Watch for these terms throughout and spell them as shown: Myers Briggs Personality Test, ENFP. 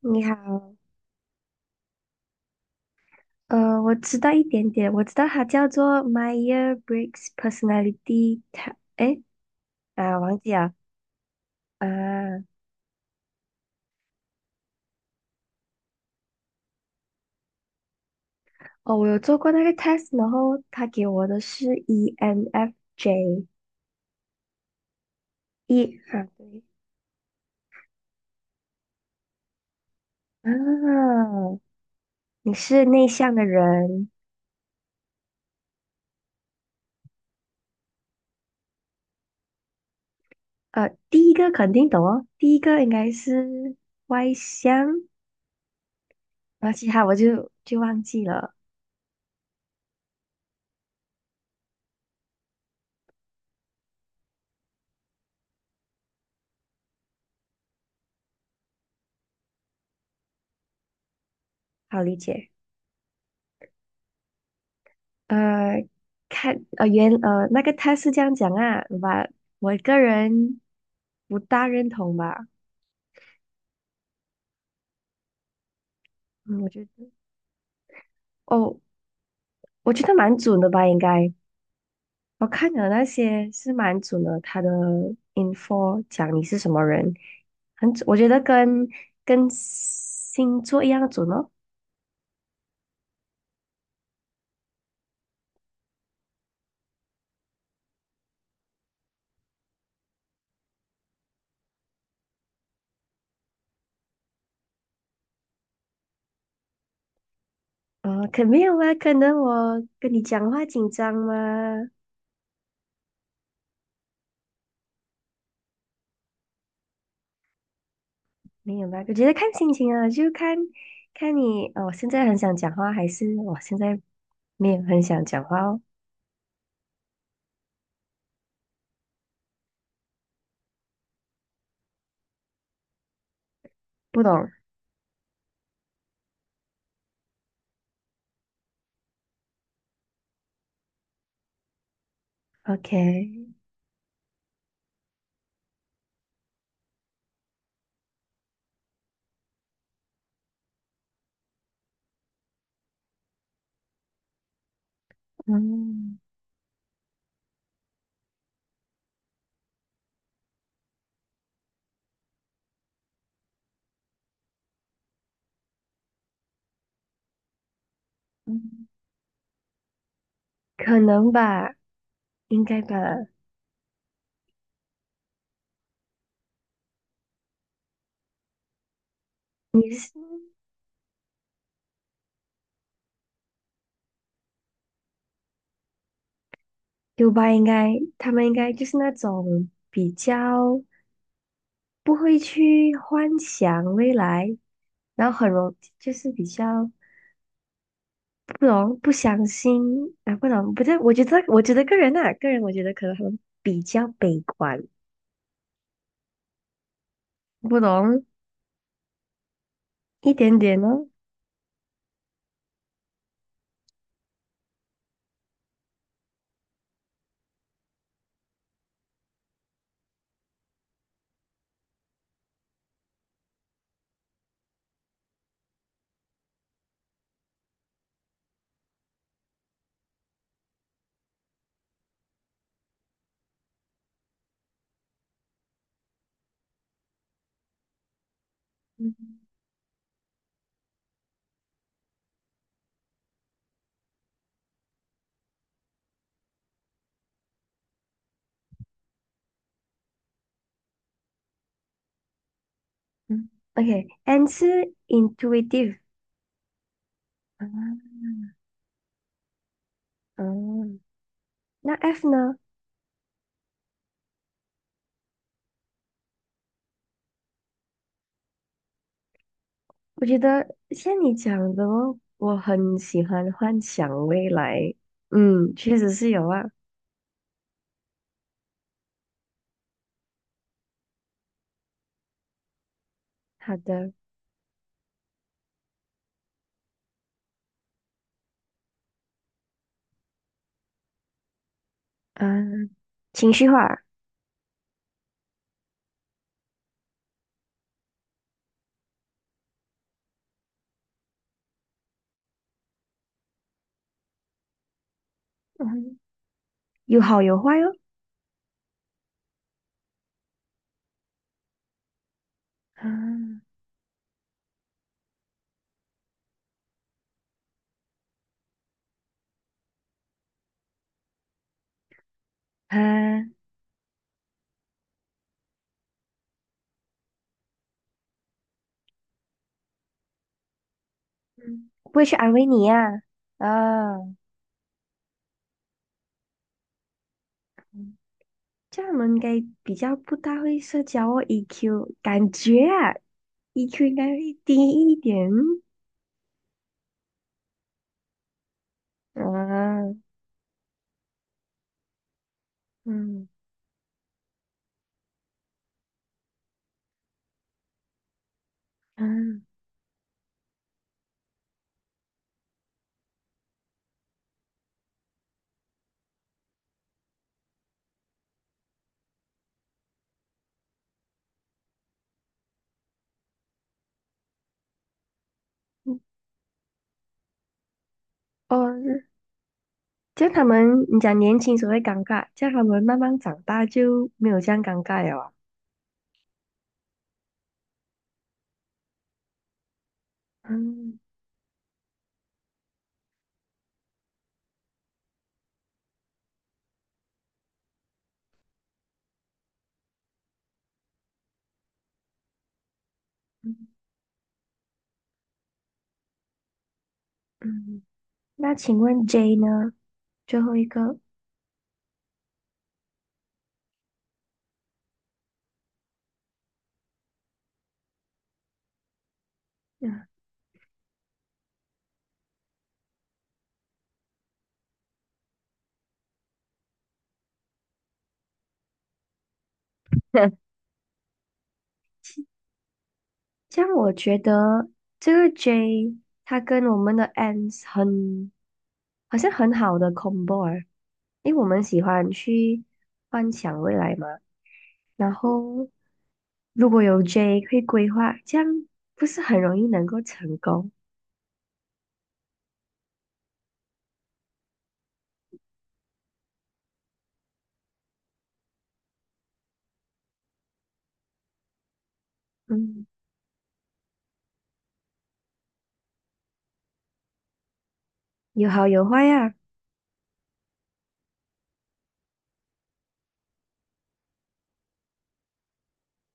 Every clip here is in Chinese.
你好。我知道一点点，我知道它叫做 Myers Briggs Personality Test。忘记了。啊，哦，我有做过那个 test，然后他给我的是 ENFJ，E。 啊，对。啊，你是内向的人。第一个肯定懂哦，第一个应该是外向，然后其他我就忘记了。好理解。呃，那个他是这样讲啊，吧，我个人不大认同吧。嗯，我觉得，哦，我觉得蛮准的吧，应该，我看了那些是蛮准的，他的 info 讲你是什么人，很准，我觉得跟星座一样准哦。可没有啊，可能我跟你讲话紧张吗？没有吧，我觉得看心情啊，就看你，我现在很想讲话，还是我现在你也很想讲话哦。不懂？OK。嗯嗯，可能吧，应该吧。你是 U 吧？应该他们应该就是那种比较不会去幻想未来，然后很容就是比较不相信啊，不对，我觉得个人啊，个人我觉得可能他们比较悲观。不懂一点点哦。嗯嗯，OK，and 是 intuitive。啊，嗯，那 F 呢？我觉得像你讲的哦，我很喜欢幻想未来。嗯，确实是有啊。好的。嗯，情绪化。嗯，有好有坏哦。嗯啊，嗯不会去安慰你呀、啊。嗯这样我们应该比较不大会社交哦，EQ 感觉啊，EQ 应该会低一点。啊，嗯嗯，哦，这样他们，你讲年轻时候会尴尬，这样他们慢慢长大就没有这样尴尬了啊。嗯嗯嗯，那请问 J 呢？最后一个。嗯，这样我觉得这个 J 它跟我们的 Ants 很，好像很好的 combo 啊，因为我们喜欢去幻想未来嘛，然后如果有 J 会规划，这样不是很容易能够成功。嗯，有好有坏啊。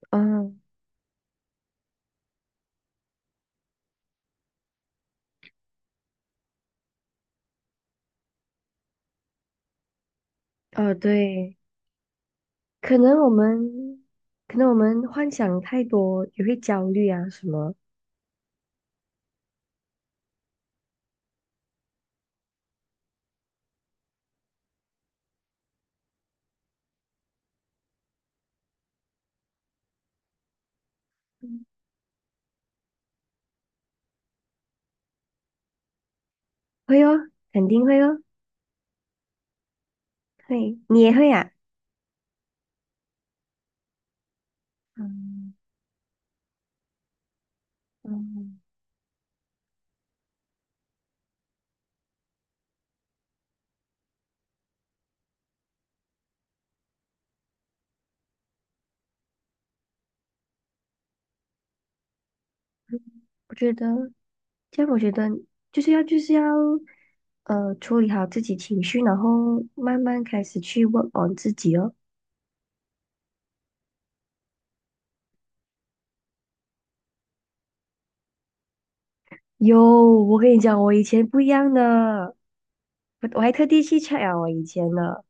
嗯，哦，对，可能我们，可能我们幻想太多，也会焦虑啊，什么。嗯会哦，肯定会哦，会，你也会啊。嗯嗯我觉得，这样我觉得就是要,处理好自己情绪，然后慢慢开始去问 o 自己哦。有，我跟你讲，我以前不一样的，我还特地去 check 了我以前的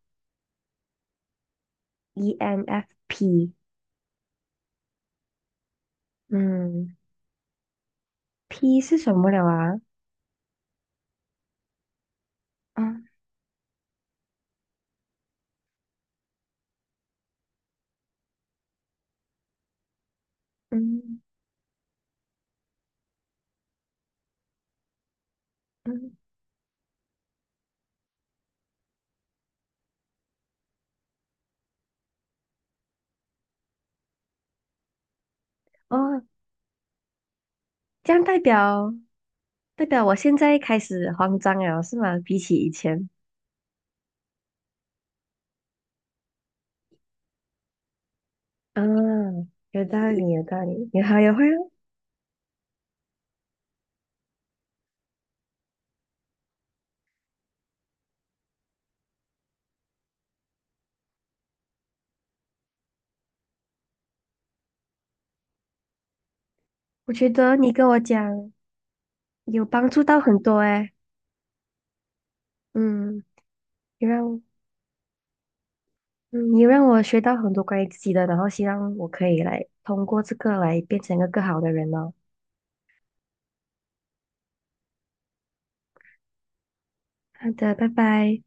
ENFP。嗯。P 是什么了啊？啊，嗯嗯，哦，这样代表我现在开始慌张了，是吗？比起以前。啊，有道理，有道理，你好，有会哦。我觉得你跟我讲有帮助到很多诶。嗯，你让嗯你让我学到很多关于自己的，然后希望我可以来通过这个来变成一个更好的人哦。好的，拜拜。